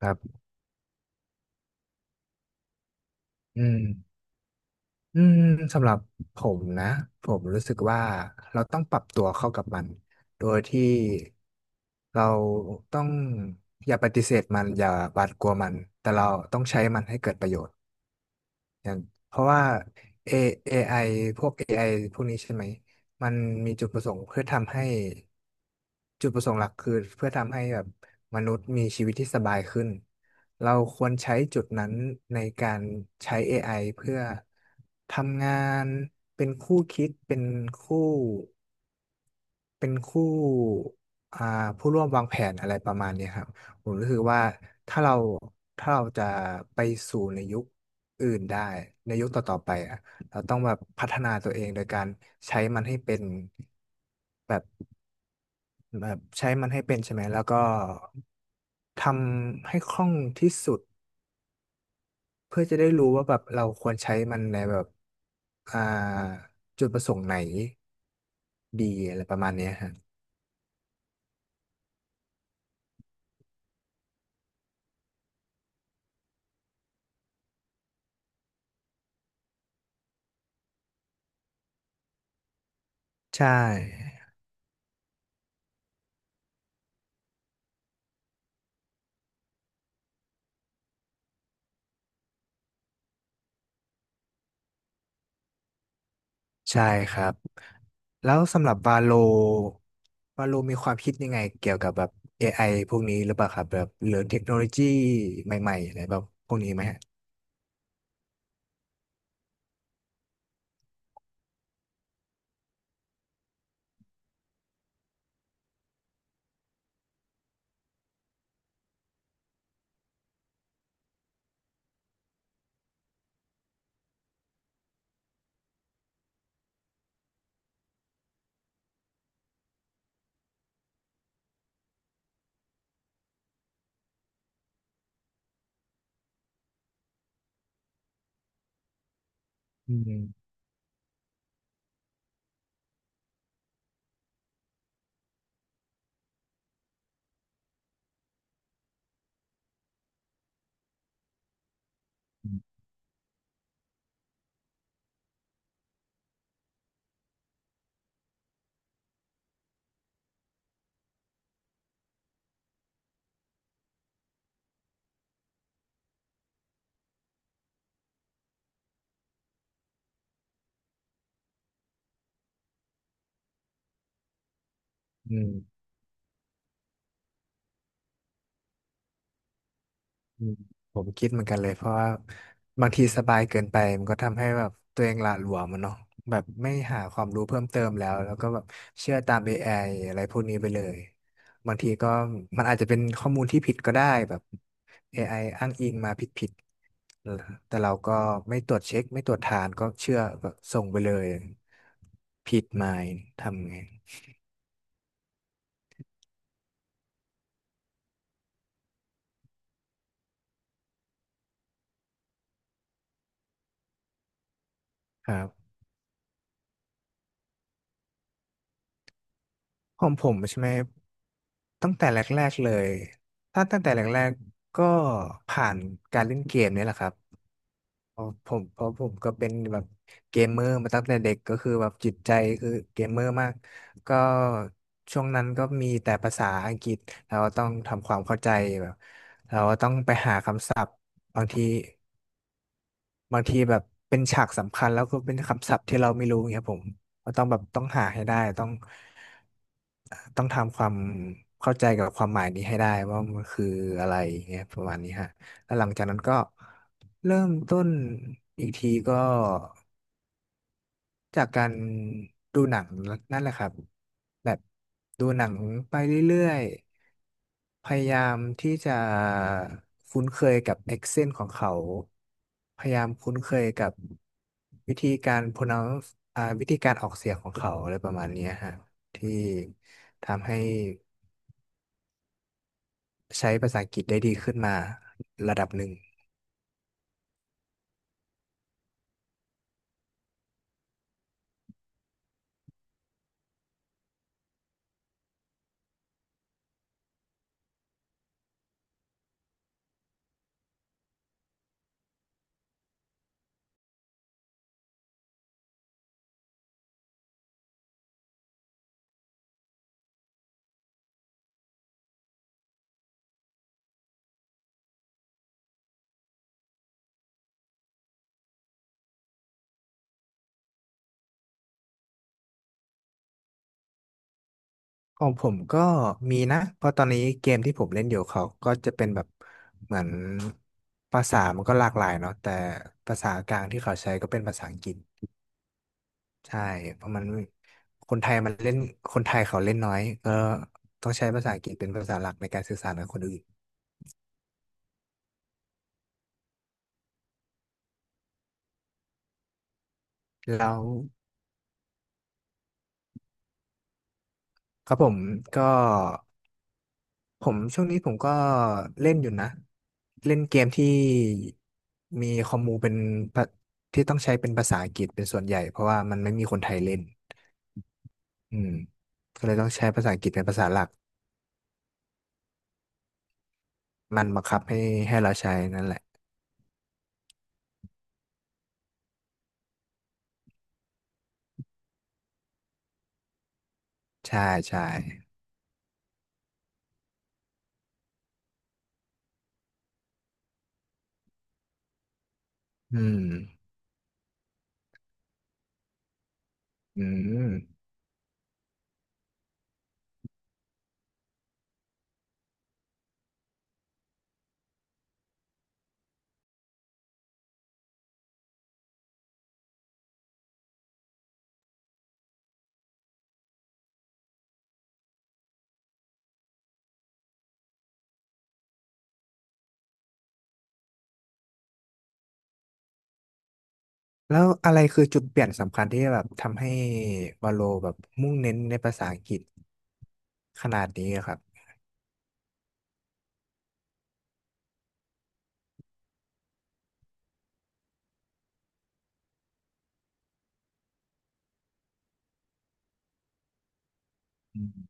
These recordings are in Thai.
ครับอืมอืมสำหรับผมนะ ผมรู้สึกว่าเราต้องปรับตัวเข้ากับมัน โดยที่เราต้องอย่าปฏิเสธมันอย่าหวาดกลัวมัน แต่เราต้องใช้มันให้เกิดประโยชน์ อย่างเพราะว่า A เอไ i พวก AI พวกนี้ใช่ไหมมันมีจุดประสงค์เพื่อทำให้จุดประสงค์หลักคือเพื่อทำให้แบบมนุษย์มีชีวิตที่สบายขึ้นเราควรใช้จุดนั้นในการใช้ AI เพื่อทำงานเป็นคู่คิดเป็นคู่ เป็นคู่อ่าผู้ร่วมวางแผนอะไรประมาณเนี้ยครับผมรู้สึกว่าถ้าเราถ้าเราจะไปสู่ในยุคอื่นได้ในยุคต่อๆไปอ่ะเราต้องแบบพัฒนาตัวเองโดยการใช้มันให้เป็นแบบแบบใช้มันให้เป็นใช่ไหมแล้วก็ทำให้คล่องที่สุดเพื่อจะได้รู้ว่าแบบเราควรใช้มันในแบบอ่าจุดประสงค์ไหนดีอะไรประมาณเนี้ยฮะใช่ ใช่ครับแล้วสำหรับวาโลวาโลมีความคิดยังไงเกี่ยวกับแบบ AI พวกนี้หรือเปล่าครับแบบหรือเทคโนโลยีใหม่ๆอะไรแบบพวกนี้ไหมฮะอืมอืม อืมผมคิดเหมือนกันเลยเพราะว่าบางทีสบายเกินไปมันก็ทำให้แบบตัวเองหละหลวมมันเนาะแบบไม่หาความรู้เพิ่มเติมแล้วก็แบบเชื่อตาม AIอะไรพวกนี้ไปเลยบางทีก็มันอาจจะเป็นข้อมูลที่ผิดก็ได้แบบ AI อไออ้างอิงมาผิดแต่เราก็ไม่ตรวจเช็คไม่ตรวจทานก็เชื่อก็ส่งไปเลยผิดมาทำไงครับ ของผมใช่ไหมตั้งแต่แรกๆเลยถ้าตั้งแต่แรกๆก็ผ่านการเล่นเกมเนี่ยแหละครับเพราะผมก็เป็นแบบเกมเมอร์มาตั้งแต่เด็กก็คือแบบจิตใจคือเกมเมอร์มากก็ช่วงนั้นก็มีแต่ภาษาอังกฤษเราก็ต้องทำความเข้าใจแบบเราก็ต้องไปหาคำศัพท์บางที บางทีแบบเป็นฉากสำคัญแล้วก็เป็นคำศัพท์ที่เราไม่รู้เงี้ยผมก็ต้องแบบต้องหาให้ได้ต้องต้องทำความเข้าใจกับความหมายนี้ให้ได้ว่ามันคืออะไรเงี้ยประมาณนี้ฮะแล้วหลังจากนั้นก็เริ่มต้นอีกทีก็จากการดูหนังนั่นแหละครับแบบดูหนังไปเรื่อย พยายามที่จะคุ้นเคยกับ accent ของเขา พยายามคุ้นเคยกับวิธีการ pronounce วิธีการออกเสียงของเขาอะไรประมาณเนี้ยฮะที่ทำให้ใช้ภาษาอังกฤษได้ดีขึ้นมาระดับหนึ่งของผมก็มีนะเพราะตอนนี้เกมที่ผมเล่นอยู่เขาก็จะเป็นแบบเหมือนภาษามันก็หลากหลายเนาะแต่ภาษากลางที่เขาใช้ก็เป็นภาษาอังกฤษ ใช่เพราะมันคนไทยมันเล่นคนไทยเขาเล่นน้อยก็ต้องใช้ภาษาอังกฤษเป็นภาษาหลักในการสื่อสารกับคนอื่นแล้วครับผมก็ช่วงนี้ผมก็เล่นอยู่นะเล่นเกมที่มีคอมมูเป็นภาที่ต้องใช้เป็นภาษาอังกฤษเป็นส่วนใหญ่เพราะว่ามันไม่มีคนไทยเล่นอืมก็เลยต้องใช้ภาษาอังกฤษเป็นภาษาหลักมันบังคับให้เราใช้นั่นแหละใช่ใช่อืมอืม แล้วอะไรคือจุดเปลี่ยนสำคัญที่แบบทำให้วาโลแบบมุ่งเน้นในภาษาอังกฤษขนาดนี้อะครับอืม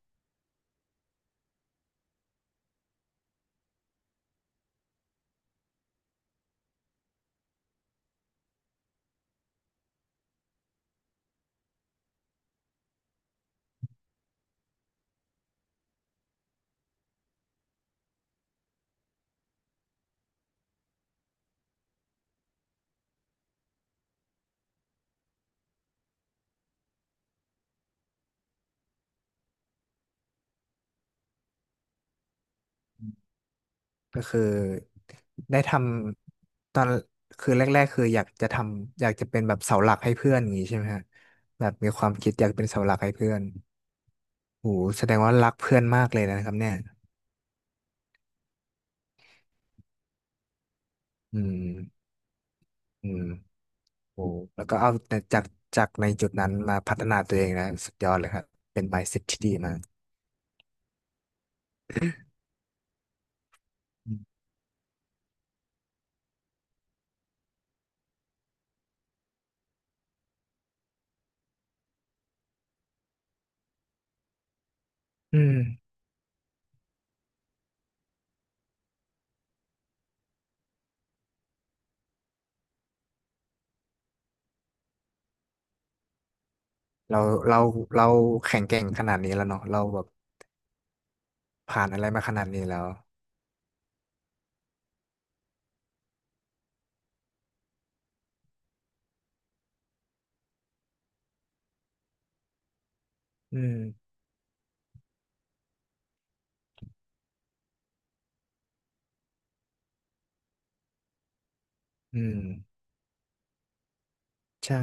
ก็คือได้ทำตอนคือแรกๆคืออยากจะทำอยากจะเป็นแบบเสาหลักให้เพื่อนอย่างนี้ใช่ไหมฮะแบบมีความคิดอยากเป็นเสาหลักให้เพื่อนโหแสดงว่ารักเพื่อนมากเลยนะครับเนี่ยอืมอืมโหแล้วก็เอาแต่จากในจุดนั้นมาพัฒนาตัวเองนะสุดยอดเลยครับเป็น mindset ที่ดีมากอืมอืม เราเราเราแข็งแกร่งขนาดนี้แล้วเนาะเราแบบผ่านอะไรมาขนาดนี้แล้วอืมอืมใช่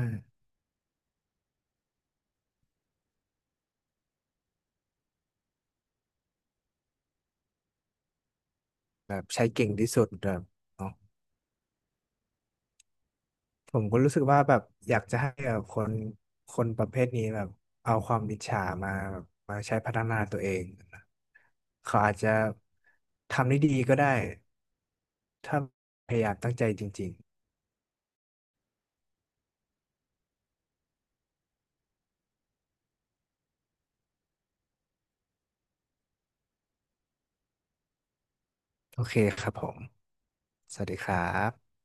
แบบใช้เก่งที่สุดแบบเนาะผมก็รู้สึกว่าแบบอยากจะให้แบบคนประเภทนี้แบบเอาความอิจฉามาแบบมาใช้พัฒนาตัวเองนะเขาอาจจะทำได้ดีก็ได้ถ้าพยายามตั้งใจจริงๆโอเคครับผมสวัสดีครับ